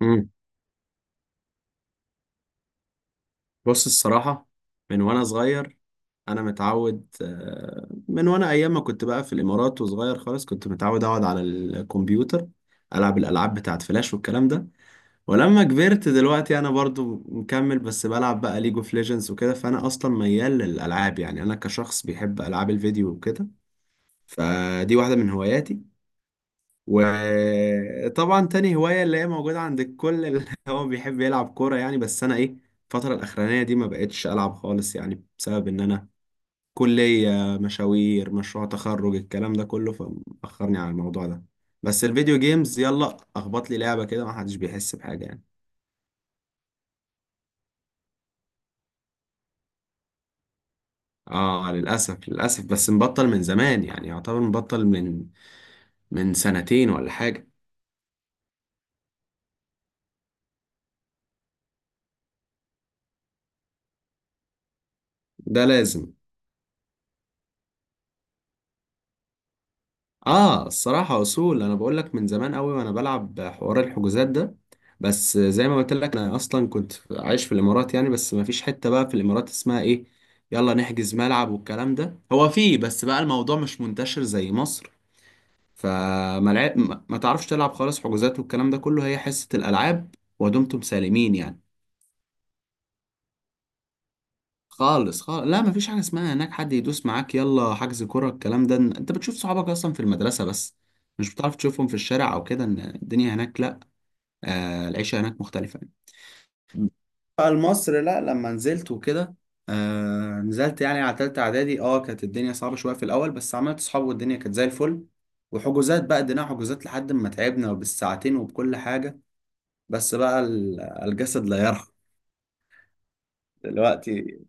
مم. بص الصراحة، من وأنا صغير أنا متعود من وأنا أيام ما كنت بقى في الإمارات وصغير خالص، كنت متعود أقعد على الكمبيوتر ألعب الألعاب بتاعت فلاش والكلام ده. ولما كبرت دلوقتي أنا برضو مكمل، بس بلعب بقى ليج اوف ليجندز وكده. فأنا أصلا ميال للألعاب، يعني أنا كشخص بيحب ألعاب الفيديو وكده. فدي واحدة من هواياتي. وطبعا تاني هواية اللي هي موجودة عند الكل اللي هو بيحب يلعب كورة يعني. بس أنا إيه، الفترة الأخرانية دي ما بقتش ألعب خالص، يعني بسبب إن أنا كلية، مشاوير، مشروع تخرج، الكلام ده كله، فمأخرني على الموضوع ده. بس الفيديو جيمز يلا أخبط لي لعبة كده ما حدش بيحس بحاجة يعني. آه للأسف للأسف، بس مبطل من زمان يعني، يعتبر مبطل من من سنتين ولا حاجة. ده لازم. اه الصراحة اصول انا بقول لك من زمان قوي وانا بلعب حوار الحجوزات ده، بس زي ما قلت لك انا اصلا كنت عايش في الامارات يعني. بس ما فيش حتة بقى في الامارات اسمها ايه يلا نحجز ملعب والكلام ده. هو فيه، بس بقى الموضوع مش منتشر زي مصر. فما لعب، ما تعرفش تلعب خالص حجوزات والكلام ده كله، هي حصة الالعاب ودمتم سالمين يعني. خالص خالص، لا مفيش حاجة اسمها هناك حد يدوس معاك يلا حجز كرة الكلام ده، انت بتشوف صحابك اصلا في المدرسة بس، مش بتعرف تشوفهم في الشارع او كده، ان الدنيا هناك لا. آه العيشة هناك مختلفة يعني. بقى مصر لا، لما نزلت وكده، آه نزلت يعني على تالتة اعدادي، اه كانت الدنيا صعبة شوية في الاول، بس عملت صحاب والدنيا كانت زي الفل. وحجوزات بقى، ادينا حجوزات لحد ما تعبنا وبالساعتين وبكل حاجة. بس بقى الجسد لا يرحم دلوقتي.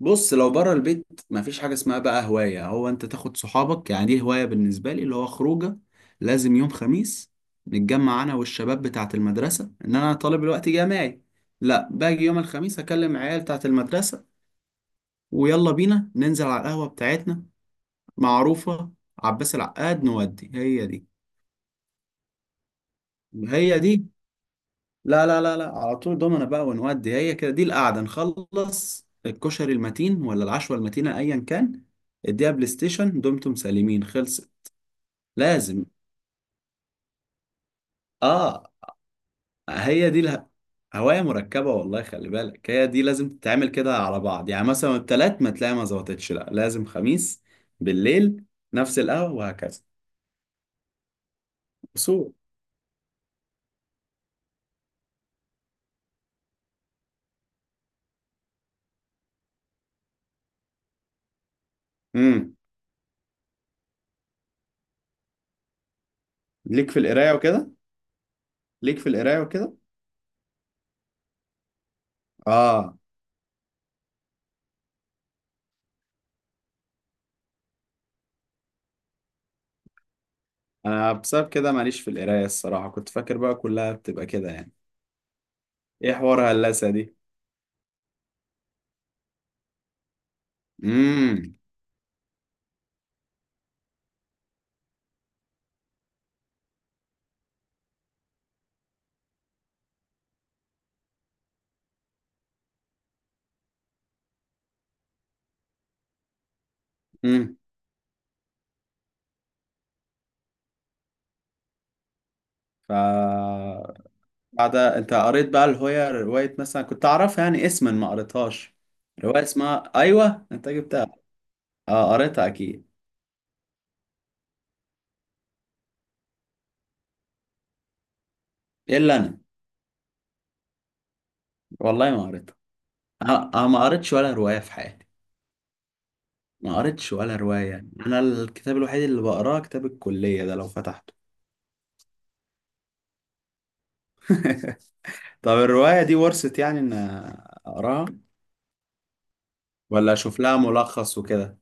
بص لو بره البيت مفيش حاجة اسمها بقى هواية، هو انت تاخد صحابك يعني دي هواية بالنسبة لي اللي هو خروجة. لازم يوم خميس نتجمع انا والشباب بتاعة المدرسة، ان انا طالب الوقت جامعي، لا باجي يوم الخميس اكلم عيال بتاعة المدرسة ويلا بينا ننزل على القهوة بتاعتنا معروفة عباس العقاد نودي، هي دي. هي دي. لا لا لا لا، على طول دومنا بقى ونودي هي كده دي القعده، نخلص الكشري المتين ولا العشوه المتينه ايا كان، اديها بلاي ستيشن دمتم سالمين خلص. لازم. اه هي دي هوايه مركبه والله، خلي بالك هي دي لازم تتعمل كده على بعض يعني، مثلا التلات ما تلاقي ما ظبطتش، لا لازم خميس بالليل نفس القهوه وهكذا. اصول. امم، ليك في القرايه وكده؟ ليك في القرايه وكده؟ اه انا بسبب كده ماليش في القرايه الصراحه، كنت فاكر بقى كلها بتبقى كده يعني، ايه حوار هندسه دي. امم. امم. ف، بعد انت قريت بقى الهوية، رواية مثلا كنت اعرفها يعني اسما ما قريتهاش، رواية اسمها ايوه انت جبتها. اه قريتها اكيد. الا انا، والله ما قريتها. أنا ما قريتش ولا رواية في حياتي. ما قريتش ولا رواية، انا الكتاب الوحيد اللي بقراه كتاب الكلية، ده لو فتحته. طب الرواية دي ورثت يعني ان اقراها ولا اشوف لها ملخص وكده؟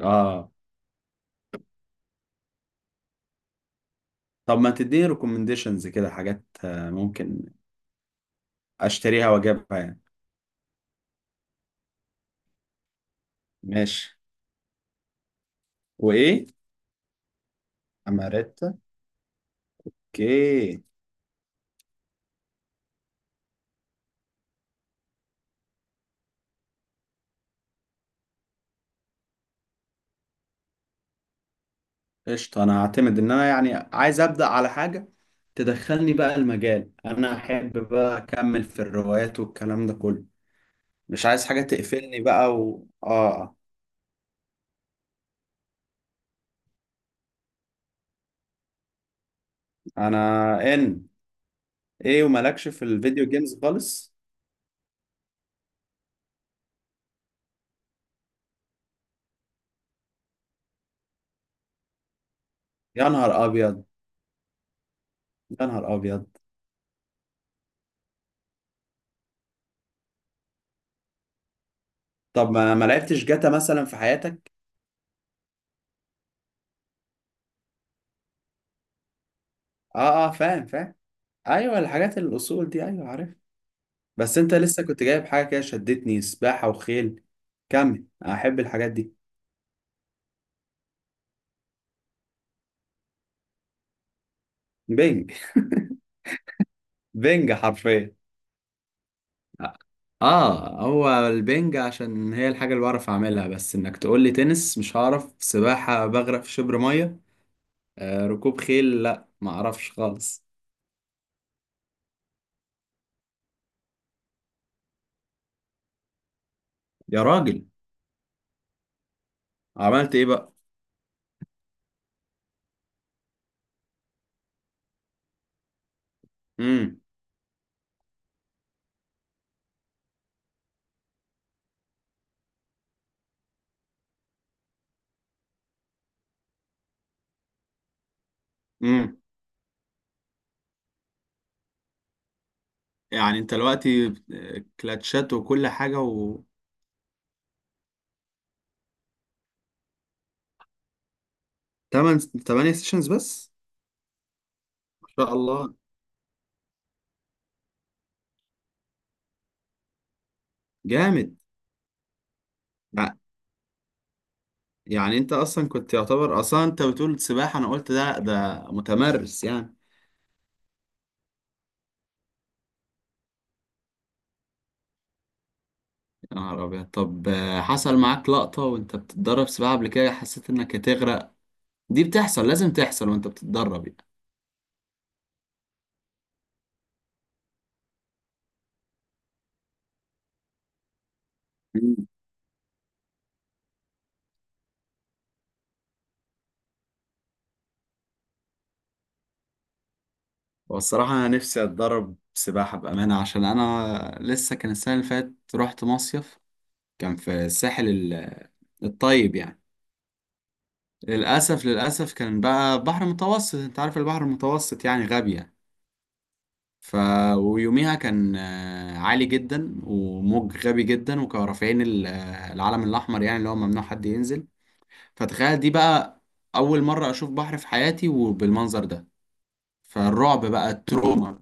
اه. طب ما تديني ريكومنديشنز كده حاجات ممكن اشتريها واجيبها يعني؟ ماشي. وايه؟ اماريتا. اوكي. قشطه انا هعتمد ان انا يعني عايز ابدا على حاجه تدخلني بقى المجال، انا احب بقى اكمل في الروايات والكلام ده كله، مش عايز حاجه تقفلني بقى و... اه انا ايه ومالكش في الفيديو جيمز خالص؟ يا نهار ابيض. يا نهار ابيض. طب ما لعبتش جاتا مثلا في حياتك؟ اه اه، فاهم فاهم. ايوه الحاجات الاصول دي، ايوه عارف. بس انت لسه كنت جايب حاجة كده شدتني، سباحة وخيل. كمل احب الحاجات دي. بنج. بنج حرفيا. اه هو البنج عشان هي الحاجة اللي بعرف اعملها، بس انك تقول لي تنس مش هعرف، سباحة بغرق في شبر مية، آه ركوب خيل لا ما اعرفش خالص. يا راجل، عملت ايه بقى؟ امم. امم. يعني انت دلوقتي كلاتشات وكل حاجة و 8 8 سيشنز بس؟ ما شاء الله، جامد. يعني انت اصلا كنت يعتبر اصلا، انت بتقول سباحة انا قلت ده متمرس يعني. يا نهار ابيض. طب حصل معاك لقطة وانت بتتدرب سباحة قبل كده حسيت انك هتغرق؟ دي بتحصل لازم تحصل وانت بتتدرب يعني. مم. والصراحة انا نفسي اتدرب سباحة بأمانة، عشان انا لسه كان السنة اللي فاتت رحت مصيف، كان في الساحل الطيب يعني. للأسف للأسف، كان بقى بحر متوسط، انت عارف البحر المتوسط يعني غبي يعني. ف ويوميها كان عالي جدا وموج غبي جدا، وكانوا رافعين العلم الاحمر يعني اللي هو ممنوع حد ينزل، فتخيل دي بقى اول مره اشوف بحر في حياتي وبالمنظر ده، فالرعب بقى، التروما.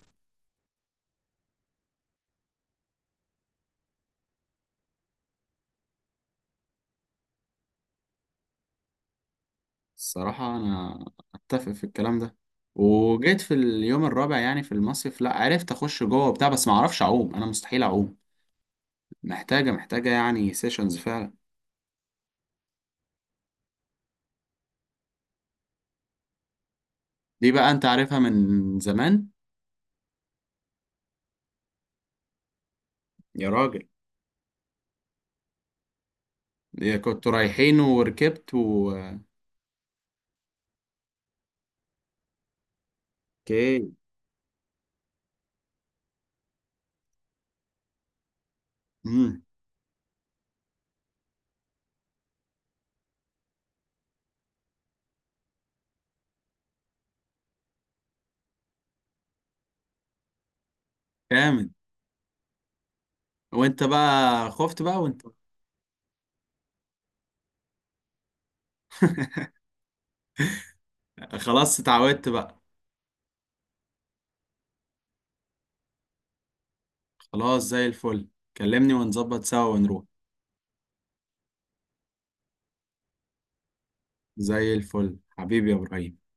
الصراحه انا اتفق في الكلام ده. وجيت في اليوم الرابع يعني في المصيف لا عرفت اخش جوه وبتاع، بس ما اعرفش اعوم، انا مستحيل اعوم، محتاجه يعني سيشنز فعلا. دي بقى انت عارفها من زمان. يا راجل، كنتوا رايحين وركبت اوكي. امم. جامد. وانت بقى خفت بقى وانت؟ خلاص اتعودت بقى. خلاص زي الفل، كلمني ونظبط سوا ونروح. زي الفل حبيبي يا ابراهيم.